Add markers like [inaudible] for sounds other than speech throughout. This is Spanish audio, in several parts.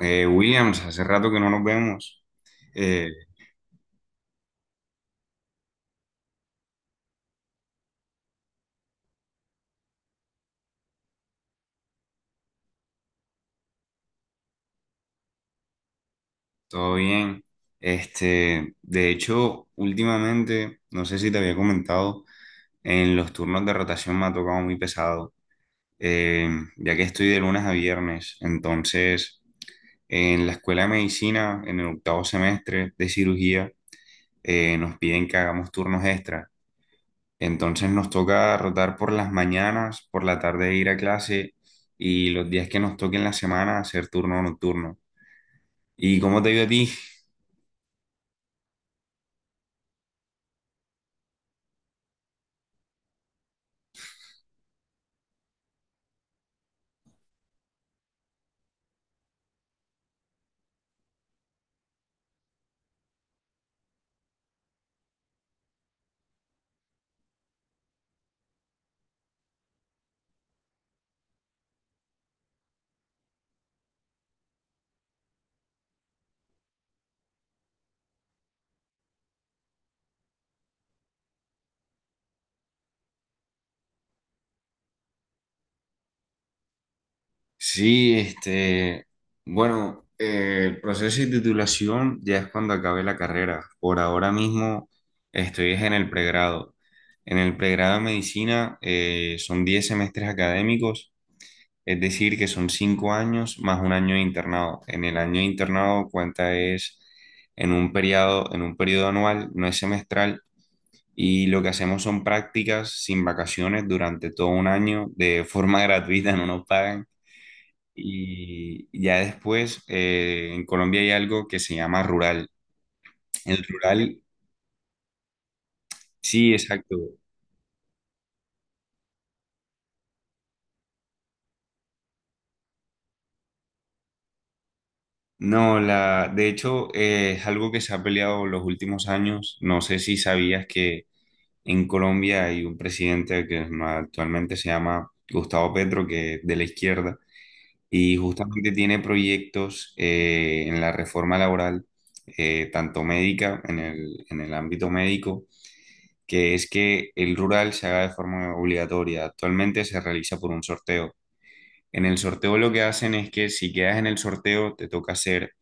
Williams, hace rato que no nos vemos. Eh, Todo bien. De hecho, últimamente, no sé si te había comentado, en los turnos de rotación me ha tocado muy pesado, eh, ya que estoy de lunes a viernes. Entonces, en la escuela de medicina, en el octavo semestre de cirugía, nos piden que hagamos turnos extra. Entonces nos toca rotar por las mañanas, por la tarde ir a clase y los días que nos toquen la semana hacer turno nocturno. ¿Y cómo te ha ido a ti? Sí, bueno, el proceso de titulación ya es cuando acabe la carrera. Por ahora mismo estoy es en el pregrado. En el pregrado de medicina son 10 semestres académicos, es decir, que son 5 años más un año de internado. En el año de internado cuenta es en un periodo anual, no es semestral, y lo que hacemos son prácticas sin vacaciones durante todo un año de forma [laughs] gratuita, no nos pagan. Y ya después, en Colombia hay algo que se llama rural. El rural, sí, exacto. No, la, de hecho, es algo que se ha peleado los últimos años. No sé si sabías que en Colombia hay un presidente que actualmente se llama Gustavo Petro, que es de la izquierda, y justamente tiene proyectos en la reforma laboral, tanto médica, en el ámbito médico, que es que el rural se haga de forma obligatoria. Actualmente se realiza por un sorteo. En el sorteo lo que hacen es que si quedas en el sorteo te toca hacer,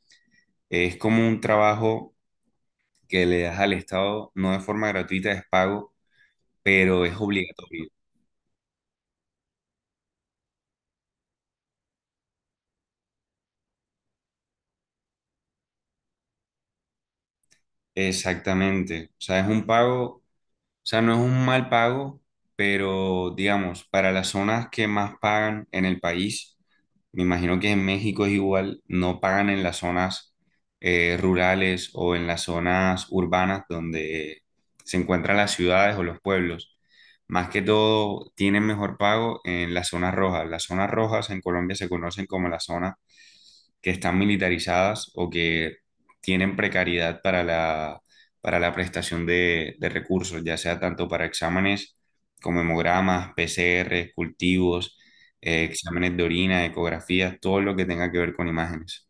es como un trabajo que le das al Estado, no de forma gratuita, es pago, pero es obligatorio. Exactamente. O sea, es un pago. O sea, no es un mal pago, pero digamos, para las zonas que más pagan en el país, me imagino que en México es igual, no pagan en las zonas rurales o en las zonas urbanas donde se encuentran las ciudades o los pueblos. Más que todo, tienen mejor pago en las zonas rojas. Las zonas rojas en Colombia se conocen como las zonas que están militarizadas o que tienen precariedad para la prestación de recursos, ya sea tanto para exámenes como hemogramas, PCR, cultivos, exámenes de orina, ecografías, todo lo que tenga que ver con imágenes.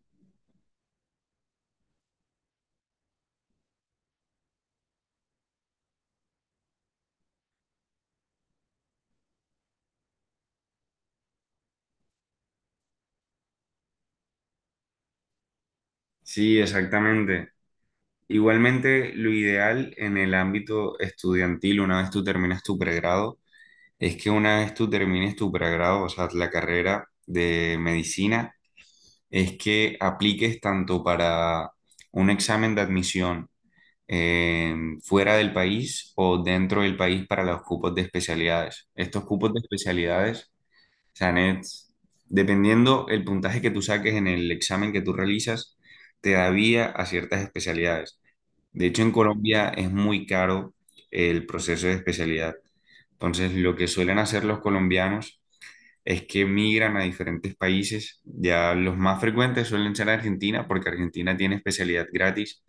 Sí, exactamente. Igualmente, lo ideal en el ámbito estudiantil, una vez tú terminas tu pregrado, es que una vez tú termines tu pregrado, o sea, la carrera de medicina, es que apliques tanto para un examen de admisión eh, fuera del país o dentro del país para los cupos de especialidades. Estos cupos de especialidades, o sea, dependiendo el puntaje que tú saques en el examen que tú realizas, te da vía a ciertas especialidades. De hecho, en Colombia es muy caro el proceso de especialidad. Entonces, lo que suelen hacer los colombianos es que migran a diferentes países. Ya los más frecuentes suelen ser Argentina, porque Argentina tiene especialidad gratis.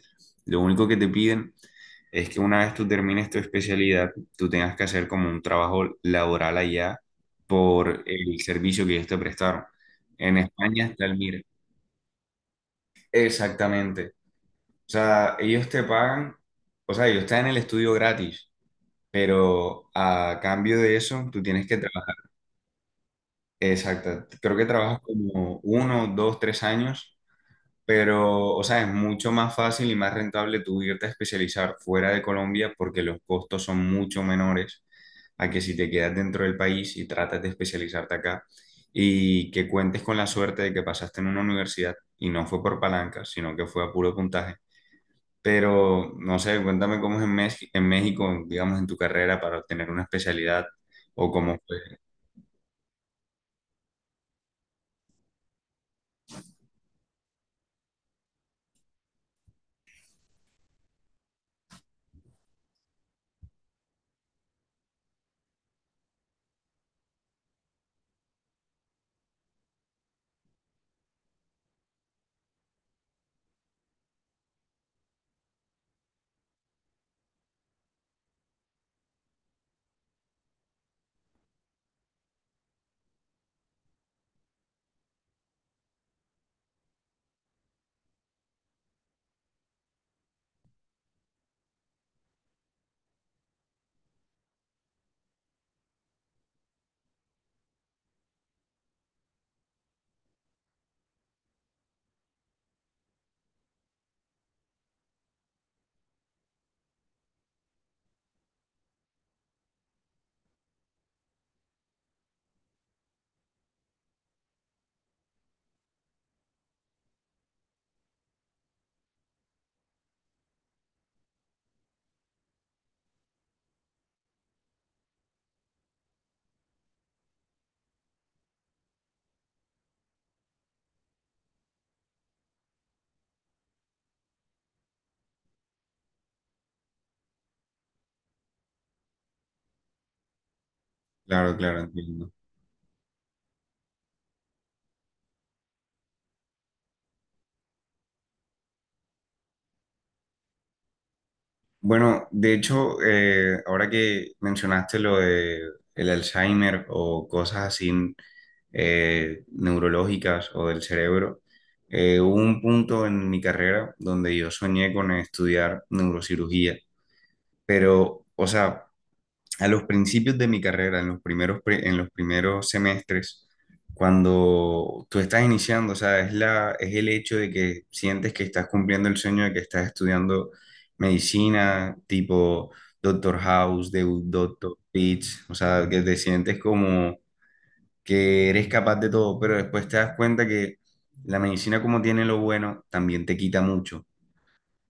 Lo único que te piden es que una vez tú termines tu especialidad, tú tengas que hacer como un trabajo laboral allá por el servicio que ellos te prestaron. En España está el MIR. Exactamente. O sea, ellos te pagan, o sea, ellos están en el estudio gratis, pero a cambio de eso, tú tienes que trabajar. Exacto, creo que trabajas como uno, dos, tres años, pero, o sea, es mucho más fácil y más rentable tú irte a especializar fuera de Colombia porque los costos son mucho menores a que si te quedas dentro del país y tratas de especializarte acá y que cuentes con la suerte de que pasaste en una universidad y no fue por palanca, sino que fue a puro puntaje. Pero, no sé, cuéntame cómo es en, en México, digamos, en tu carrera para obtener una especialidad o cómo fue. Claro, claro, entiendo. Bueno, de hecho, ahora que mencionaste lo de el Alzheimer o cosas así neurológicas o del cerebro, hubo un punto en mi carrera donde yo soñé con estudiar neurocirugía, pero, o sea, a los principios de mi carrera, en los primeros, en los primeros semestres, cuando tú estás iniciando, o sea, es la, es el hecho de que sientes que estás cumpliendo el sueño de que estás estudiando medicina, tipo Doctor House, de Doctor Pitch, o sea, que te sientes como que eres capaz de todo, pero después te das cuenta que la medicina como tiene lo bueno, también te quita mucho,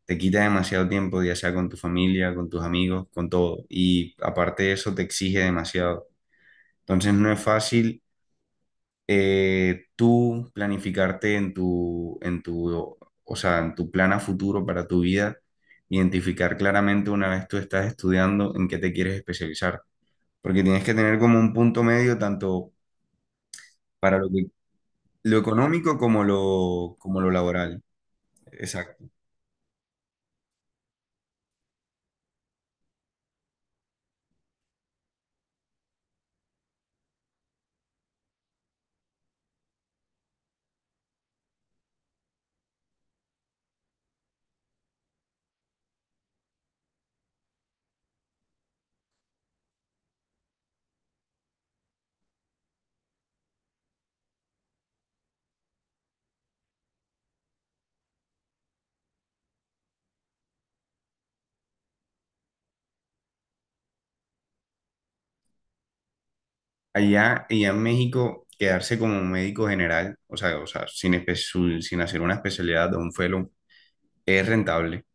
te quita demasiado tiempo, ya sea con tu familia, con tus amigos, con todo. Y aparte de eso, te exige demasiado. Entonces no es fácil tú planificarte en tu, o sea, en tu plan a futuro para tu vida, identificar claramente una vez tú estás estudiando en qué te quieres especializar. Porque tienes que tener como un punto medio tanto para lo que- lo económico como lo laboral. Exacto. Allá, allá en México, quedarse como médico general, o sea, sin, sin hacer una especialidad de un fellow, es rentable,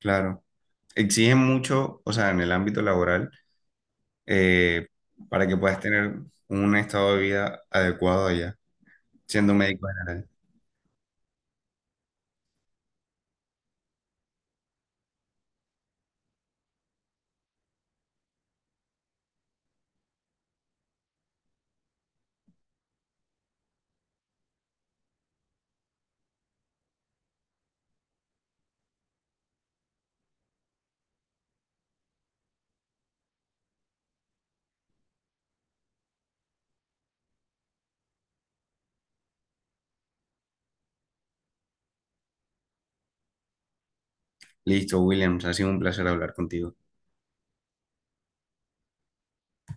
claro. Exigen mucho, o sea, en el ámbito laboral, eh, para que puedas tener un estado de vida adecuado allá, siendo médico general. Listo, Williams, ha sido un placer hablar contigo.